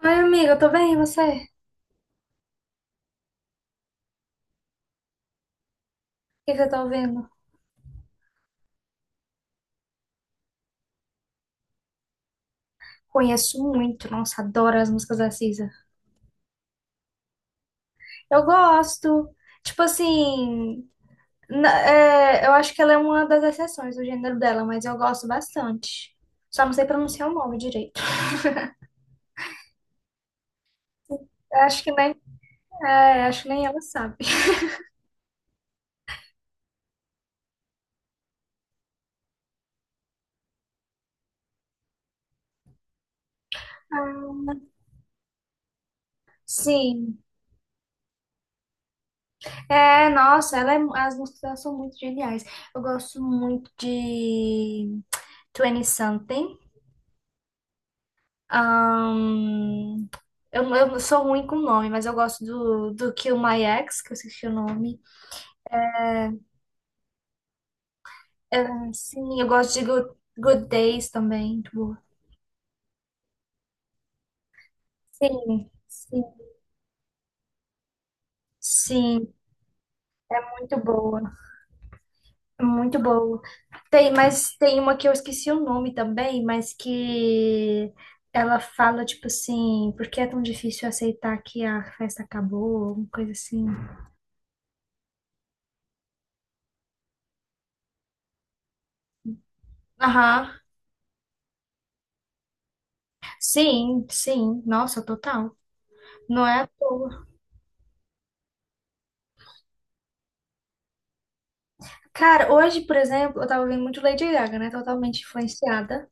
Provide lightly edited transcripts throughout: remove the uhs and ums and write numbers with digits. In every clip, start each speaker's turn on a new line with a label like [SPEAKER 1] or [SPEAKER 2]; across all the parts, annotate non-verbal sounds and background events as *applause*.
[SPEAKER 1] Ai, amiga, eu tô bem, e você? O que que você tá ouvindo? Conheço muito, nossa, adoro as músicas da Cisa. Eu gosto, tipo assim, eu acho que ela é uma das exceções do gênero dela, mas eu gosto bastante. Só não sei pronunciar o nome direito. *laughs* Acho que nem, acho que nem ela sabe. Ah, sim. É, nossa, as músicas dela são muito geniais. Eu gosto muito de Twenty Something. Ahn, eu sou ruim com nome, mas eu gosto do Kill My Ex, que eu esqueci o nome. É, sim, eu gosto de Good, Good Days também, muito boa. Sim, sim, sim, muito boa, muito boa. Tem, mas tem uma que eu esqueci o nome também, mas que ela fala, tipo assim, por que é tão difícil aceitar que a festa acabou, alguma coisa assim. Aham, sim, sim, nossa, total. Não é à toa. Cara, hoje, por exemplo, eu tava vendo muito Lady Gaga, né? Totalmente influenciada.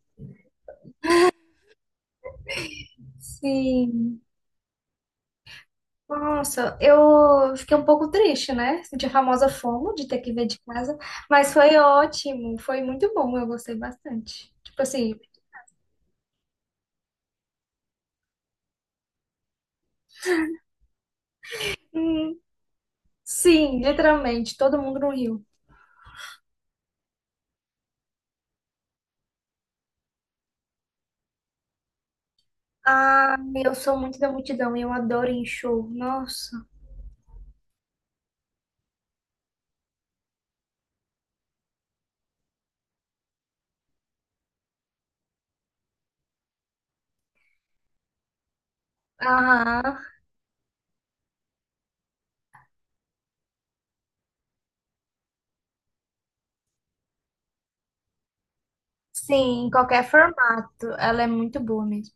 [SPEAKER 1] Sim. Nossa, eu fiquei um pouco triste, né? Senti a famosa FOMO de ter que ver de casa, mas foi ótimo, foi muito bom, eu gostei bastante. Tipo assim. Hum, sim, literalmente, todo mundo no Rio. Ah, eu sou muito da multidão e eu adoro ir em show, nossa. Aham, sim, em qualquer formato, ela é muito boa mesmo.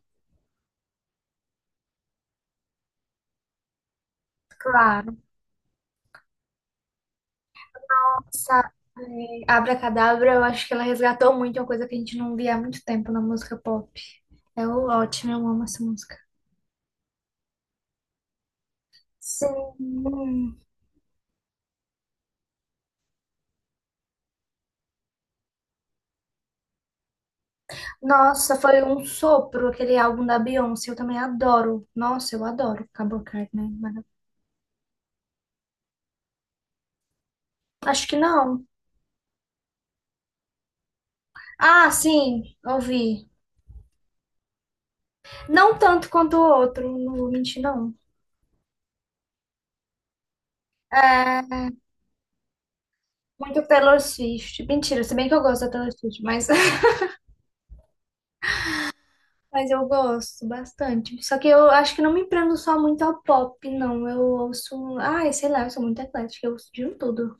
[SPEAKER 1] Claro. Sabe, Abracadabra, eu acho que ela resgatou muito uma coisa que a gente não via há muito tempo na música pop. É ótimo, eu amo essa música. Sim. Nossa, foi um sopro aquele álbum da Beyoncé, eu também adoro. Nossa, eu adoro Cabo Card, né? Maravilhoso. Acho que não. Ah, sim, ouvi. Não tanto quanto o outro, não vou mentir, não. É, muito Taylor Swift. Mentira, se bem que eu gosto da Taylor Swift, mas *laughs* Mas eu gosto bastante. Só que eu acho que não me prendo só muito ao pop, não. Eu ouço. Ai, sei lá, eu sou muito eclética, eu ouço de um tudo.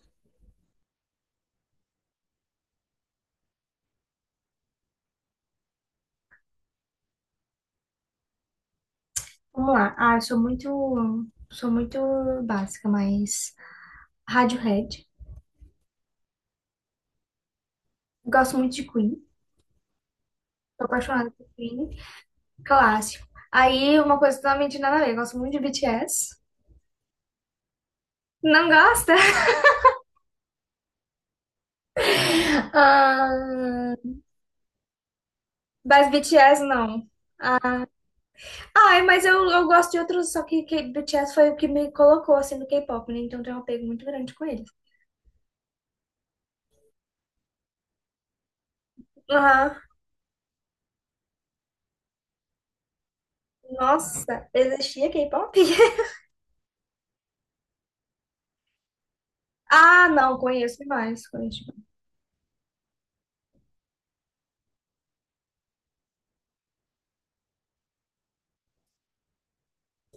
[SPEAKER 1] Vamos lá. Ah, eu sou muito. Sou muito básica, mas. Radiohead. Gosto muito de Queen. Tô apaixonada por Queen. Clássico. Aí, uma coisa totalmente nada a ver. Eu gosto muito de BTS. Não gosta? *laughs* Ah, mas BTS não. Ah, ai, mas eu gosto de outros, só que BTS foi o que me colocou assim no K-pop, né? Então tem um apego muito grande com eles. Aham. Nossa, existia K-pop? *laughs* Ah, não, conheço mais conheço demais.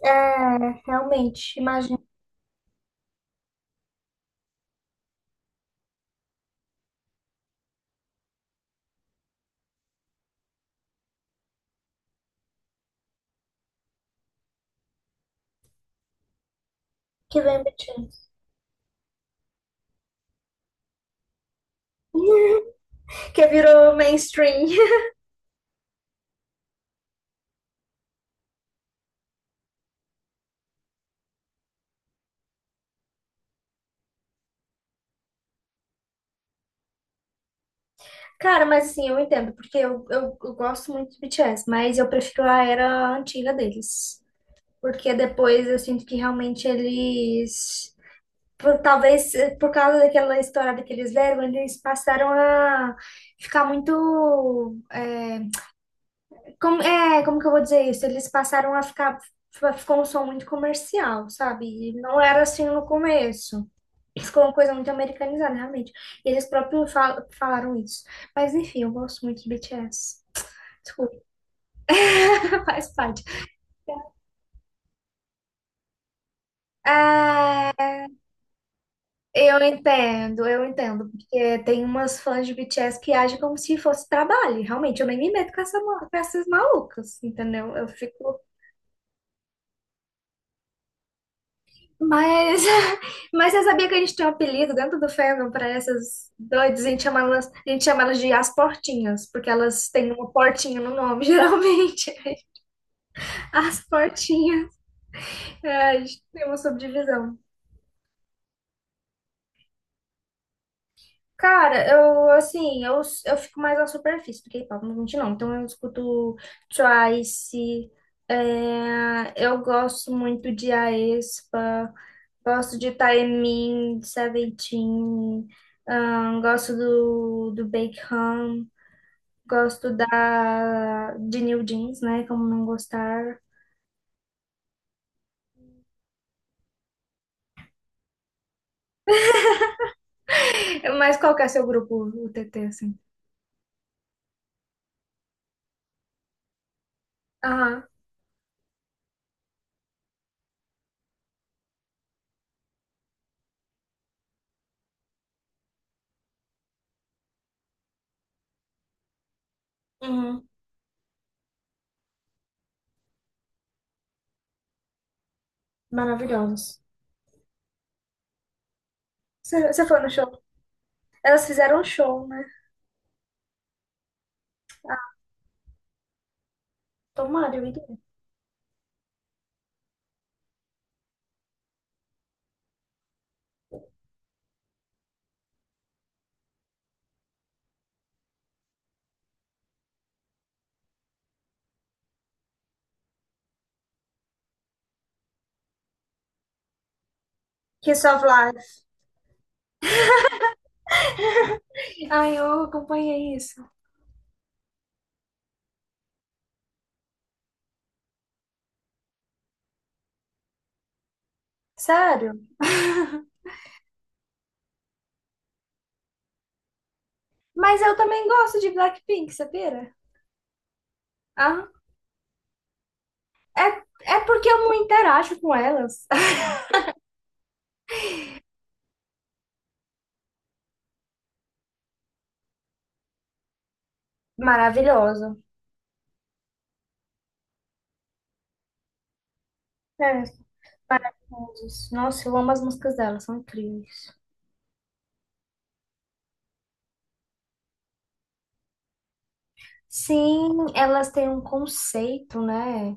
[SPEAKER 1] É, realmente, imagino que vem BTS. *laughs* Que virou mainstream. *laughs* Cara, mas assim, eu entendo, porque eu gosto muito de BTS, mas eu prefiro a era antiga deles. Porque depois eu sinto que realmente eles por causa daquela história daqueles velhos, eles passaram a ficar muito. Como que eu vou dizer isso? Eles passaram a ficar. Ficou um som muito comercial, sabe? E não era assim no começo. Ficou uma coisa muito americanizada, realmente. Eles próprios falaram isso. Mas enfim, eu gosto muito de BTS. Desculpa, *laughs* faz parte. Ah, eu entendo, eu entendo, porque tem umas fãs de BTS que agem como se fosse trabalho. Realmente, eu nem me meto com essas malucas, entendeu? Eu fico. Mas, *laughs* mas você sabia que a gente tem um apelido dentro do fandom para essas doidas? A gente chama elas, a gente chama elas de as portinhas, porque elas têm uma portinha no nome, *laughs* geralmente. As portinhas. É, a gente tem uma subdivisão. Cara, eu, assim, eu fico mais na superfície do K-pop, não vou mentir, não. Então, eu escuto Twice, eu gosto muito de aespa, gosto de Taemin, de Seventeen, gosto do Baekhyun, gosto da, de New Jeans, né? Como não gostar. Mas qual que é seu grupo, o T T, assim? Aham, uhum. Maravilhosos. Você foi no show? Elas fizeram um show, né? Tomara, eu iria. Kiss of Life. Ai, eu acompanhei isso. Sério? *laughs* Mas eu também gosto de Blackpink, sabia? Ah, é, é porque eu não interajo com elas. *laughs* Maravilhoso. É. Maravilhosos. Nossa, eu amo as músicas delas, são incríveis. Sim, elas têm um conceito, né?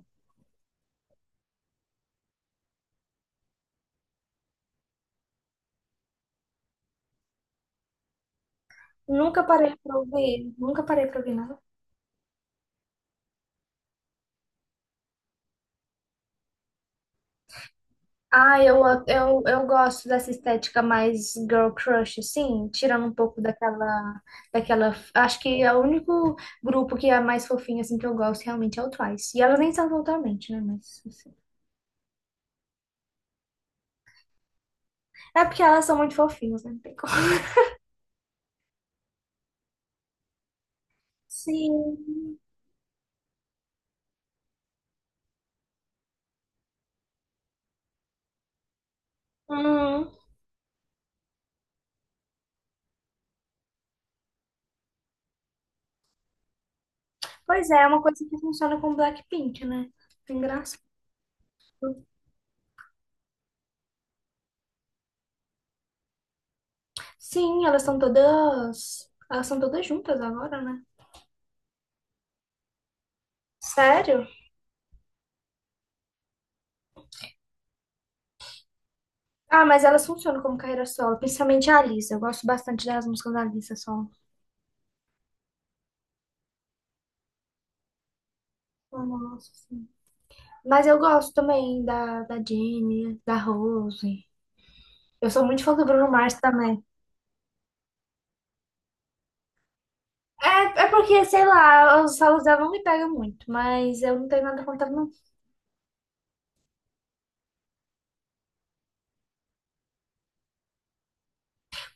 [SPEAKER 1] Nunca parei pra ouvir, nunca parei pra ouvir nada. Ah, eu gosto dessa estética mais girl crush, assim, tirando um pouco daquela, daquela. Acho que é o único grupo que é mais fofinho, assim, que eu gosto realmente é o Twice. E elas nem são totalmente, né? Mas, assim, é porque elas são muito fofinhas, né? Não tem como. *laughs* Sim. Uhum. Pois é, é uma coisa que funciona com Blackpink, né? Engraçado. Sim, elas são todas. Elas são todas juntas agora, né? Sério? Ah, mas elas funcionam como carreira solo, principalmente a Lisa. Eu gosto bastante das músicas da Lisa solo. Amo, nossa, sim. Mas eu gosto também da Jenny, da Rose. Eu sou muito fã do Bruno Mars também. É, é porque, sei lá, os solos dela não me pegam muito, mas eu não tenho nada contra. Não.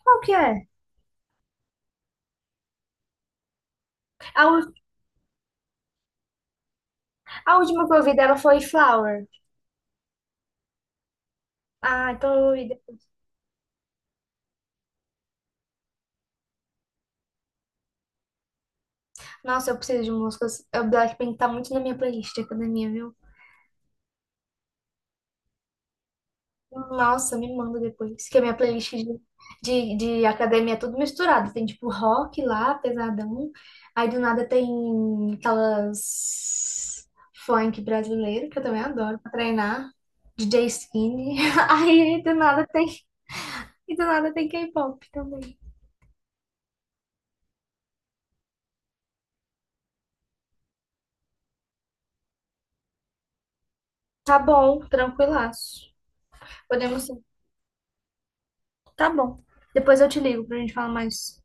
[SPEAKER 1] Qual que é? A, ú- a última que eu ouvi dela foi Flower. Ah, então eu ouvi depois. Nossa, eu preciso de músicas. O Blackpink tá muito na minha playlist de academia, viu? Nossa, me manda depois. Que a minha playlist de academia é tudo misturado. Tem tipo rock lá, pesadão. Aí do nada tem aquelas funk brasileiro, que eu também adoro pra treinar. DJ Skinny. *laughs* Aí do nada tem, e do nada tem K-pop também. Tá bom, tranquilaço. Podemos sim. Tá bom. Depois eu te ligo pra gente falar mais.